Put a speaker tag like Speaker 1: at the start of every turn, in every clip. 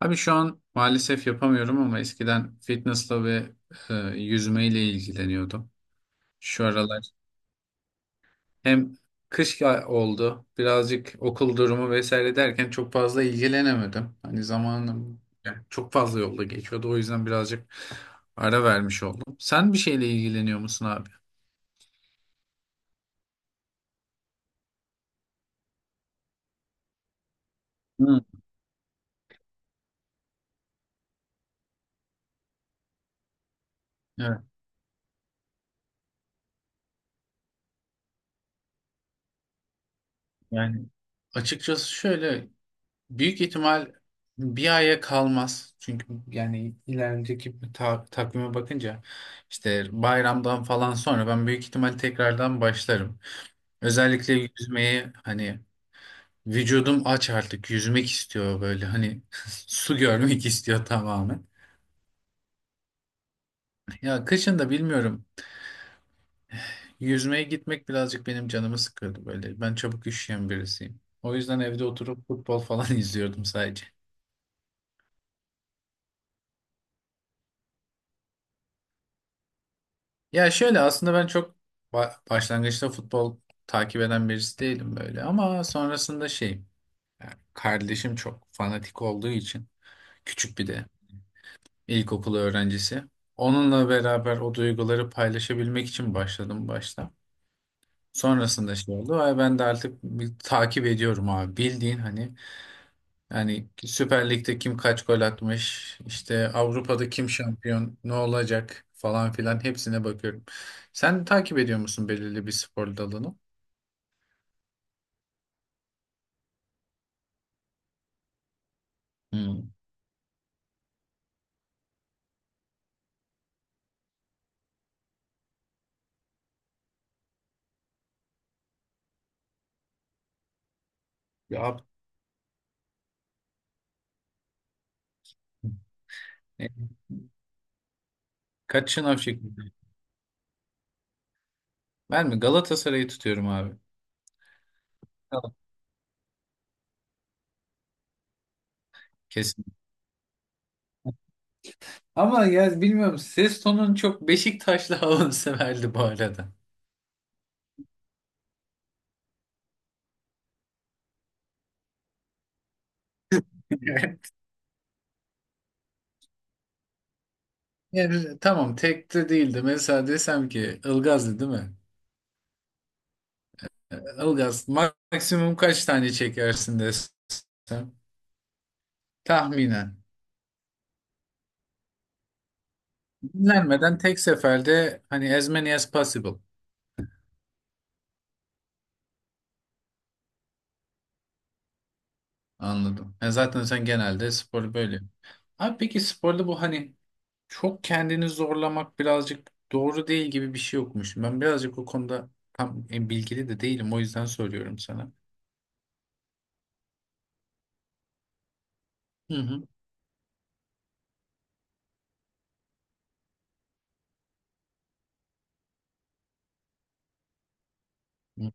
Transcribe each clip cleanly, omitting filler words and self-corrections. Speaker 1: Abi şu an maalesef yapamıyorum ama eskiden fitnessla ve yüzmeyle ilgileniyordum. Şu aralar hem oldu, birazcık okul durumu vesaire derken çok fazla ilgilenemedim. Hani zamanım yani çok fazla yolda geçiyordu. O yüzden birazcık ara vermiş oldum. Sen bir şeyle ilgileniyor musun abi? Hı, evet. Yani açıkçası şöyle büyük ihtimal bir aya kalmaz. Çünkü yani ilerideki takvime bakınca işte bayramdan falan sonra ben büyük ihtimal tekrardan başlarım. Özellikle yüzmeyi hani vücudum aç artık yüzmek istiyor böyle hani su görmek istiyor tamamen. Ya kışın da bilmiyorum yüzmeye gitmek birazcık benim canımı sıkıyordu böyle. Ben çabuk üşüyen birisiyim. O yüzden evde oturup futbol falan izliyordum sadece. Ya şöyle aslında ben çok başlangıçta futbol takip eden birisi değilim böyle ama sonrasında şey yani kardeşim çok fanatik olduğu için küçük bir de ilkokul öğrencisi. Onunla beraber o duyguları paylaşabilmek için başladım başta. Sonrasında şey oldu ve ben de artık bir takip ediyorum abi bildiğin hani yani Süper Lig'de kim kaç gol atmış, işte Avrupa'da kim şampiyon, ne olacak falan filan hepsine bakıyorum. Sen takip ediyor musun belirli bir spor dalını? Hmm. Ya e, kaç şınav çekildi? Ben mi Galatasaray'ı tutuyorum abi. Tamam. Kesin. Ama ya bilmiyorum ses tonun çok Beşiktaşlı havanı severdi bu arada. Yani, tamam tek de değildi. Mesela desem ki Ilgaz'dı değil mi? Ilgaz maksimum kaç tane çekersin desem. Tahminen. Dinlenmeden tek seferde hani as many as possible. Anladım. Yani zaten sen genelde sporu böyle yapıyorsun. Abi peki sporda bu hani çok kendini zorlamak birazcık doğru değil gibi bir şey yokmuş. Ben birazcık o konuda tam bilgili de değilim. O yüzden soruyorum sana. Hı hı. Hı.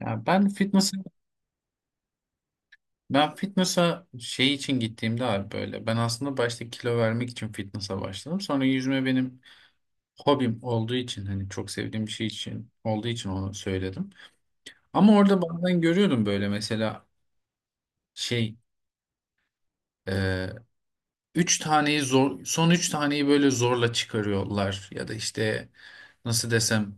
Speaker 1: Ya ben fitness'a şey için gittiğimde abi böyle ben aslında başta kilo vermek için fitness'a başladım. Sonra yüzme benim hobim olduğu için hani çok sevdiğim bir şey için olduğu için onu söyledim. Ama orada bazen görüyordum böyle mesela şey e, üç taneyi zor son üç taneyi böyle zorla çıkarıyorlar ya da işte nasıl desem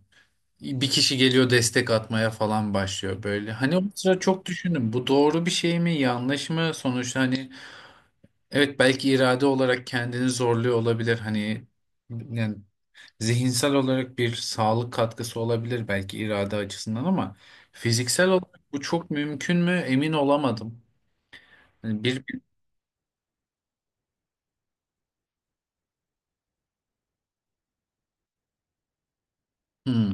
Speaker 1: bir kişi geliyor destek atmaya falan başlıyor böyle. Hani o sıra çok düşündüm bu doğru bir şey mi yanlış mı sonuçta hani evet belki irade olarak kendini zorluyor olabilir hani yani zihinsel olarak bir sağlık katkısı olabilir belki irade açısından ama fiziksel olarak bu çok mümkün mü emin olamadım. Yani bir. Hmm.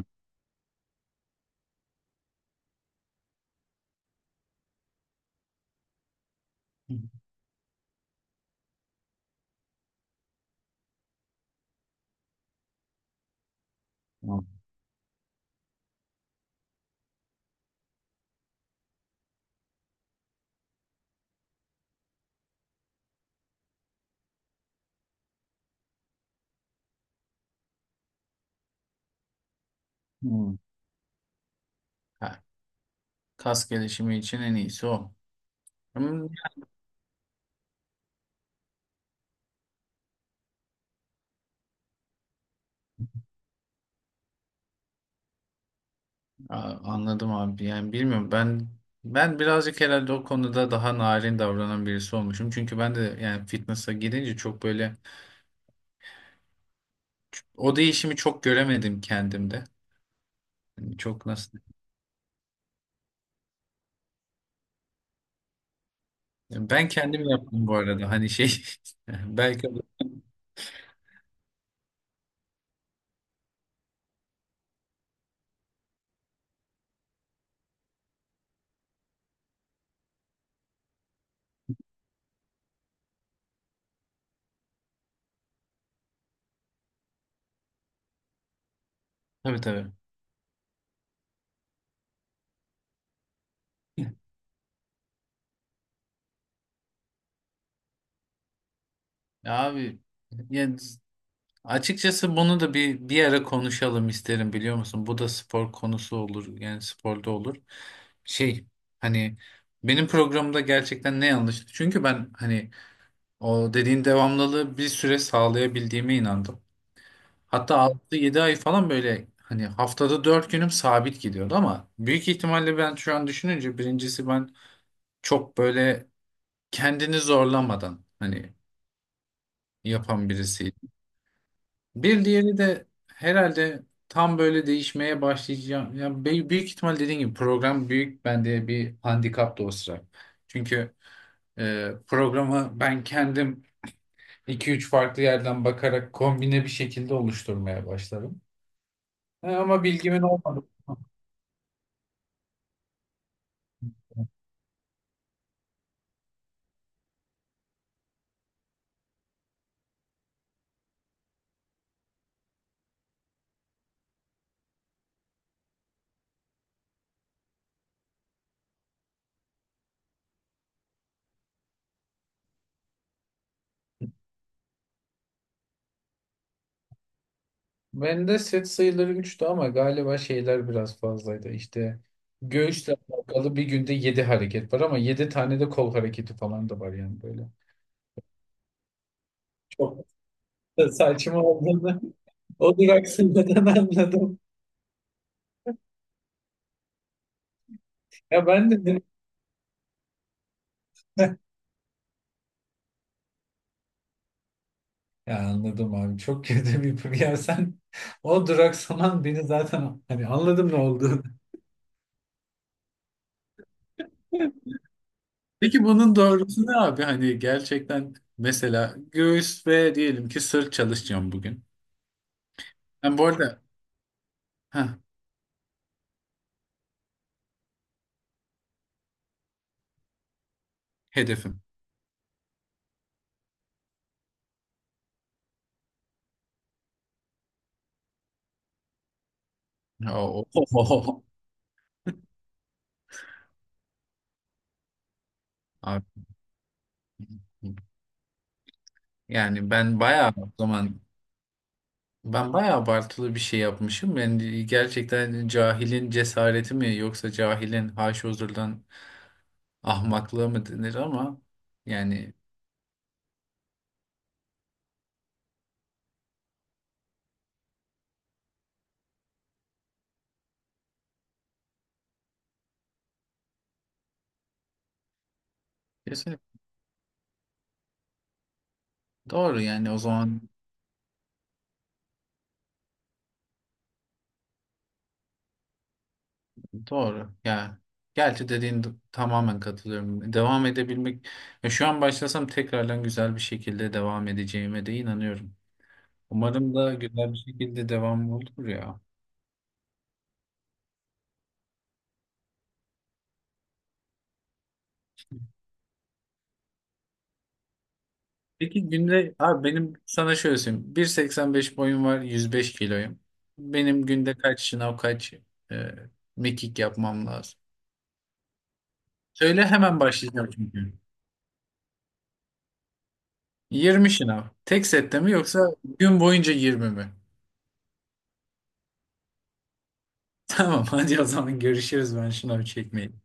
Speaker 1: Hmm. Hmm. Ha, kas gelişimi için en iyisi o. Ama- A- anladım abi. Yani bilmiyorum ben ben birazcık herhalde o konuda daha narin davranan birisi olmuşum. Çünkü ben de yani fitness'a girince çok böyle o değişimi çok göremedim kendimde. Yani çok nasıl? Ben kendim yaptım bu arada. Hani şey belki tabii tabii. Ya abi yani açıkçası bunu da bir ara konuşalım isterim biliyor musun? Bu da spor konusu olur. Yani sporda olur. Şey hani benim programımda gerçekten ne yanlıştı? Çünkü ben hani o dediğin devamlılığı bir süre sağlayabildiğime inandım. Hatta 6-7 ay falan böyle hani haftada 4 günüm sabit gidiyordu ama büyük ihtimalle ben şu an düşününce birincisi ben çok böyle kendini zorlamadan hani yapan birisi. Bir diğeri de herhalde tam böyle değişmeye başlayacağım. Büyük ihtimal dediğim gibi program büyük bende bir handikap da o sıra. Çünkü programı ben kendim iki üç farklı yerden bakarak kombine bir şekilde oluşturmaya başlarım. E, ama bilgimin olmadı. Bende set sayıları 3'tü ama galiba şeyler biraz fazlaydı. İşte göğüsle alakalı bir günde 7 hareket var ama 7 tane de kol hareketi falan da var yani böyle. Çok. Da saçma olduğunu o duraksamadan anladım. Ya ben de dedim. Ya anladım abi çok kötü bir ya sen o duraksaman beni zaten hani anladım ne olduğunu. Peki bunun doğrusu ne abi? Hani gerçekten mesela göğüs ve diyelim ki sırt çalışacağım bugün. Ben bu arada heh, hedefim. Oo. Abi, yani ben bayağı o zaman ben bayağı abartılı bir şey yapmışım. Yani gerçekten cahilin cesareti mi yoksa cahilin haşozurdan ahmaklığı mı denir ama yani kesinlikle doğru yani o zaman doğru. Ya gerçi tamamen katılıyorum. Devam edebilmek ya şu an başlasam tekrardan güzel bir şekilde devam edeceğime de inanıyorum. Umarım da güzel bir şekilde devam olur ya. Peki günde abi benim sana şöyle söyleyeyim. 1.85 boyum var, 105 kiloyum. Benim günde kaç şınav, kaç e, mekik yapmam lazım? Söyle hemen başlayacağım çünkü. 20 şınav. Tek sette mi yoksa gün boyunca 20 mi? Tamam hadi o zaman görüşürüz ben şınav çekmeyeyim.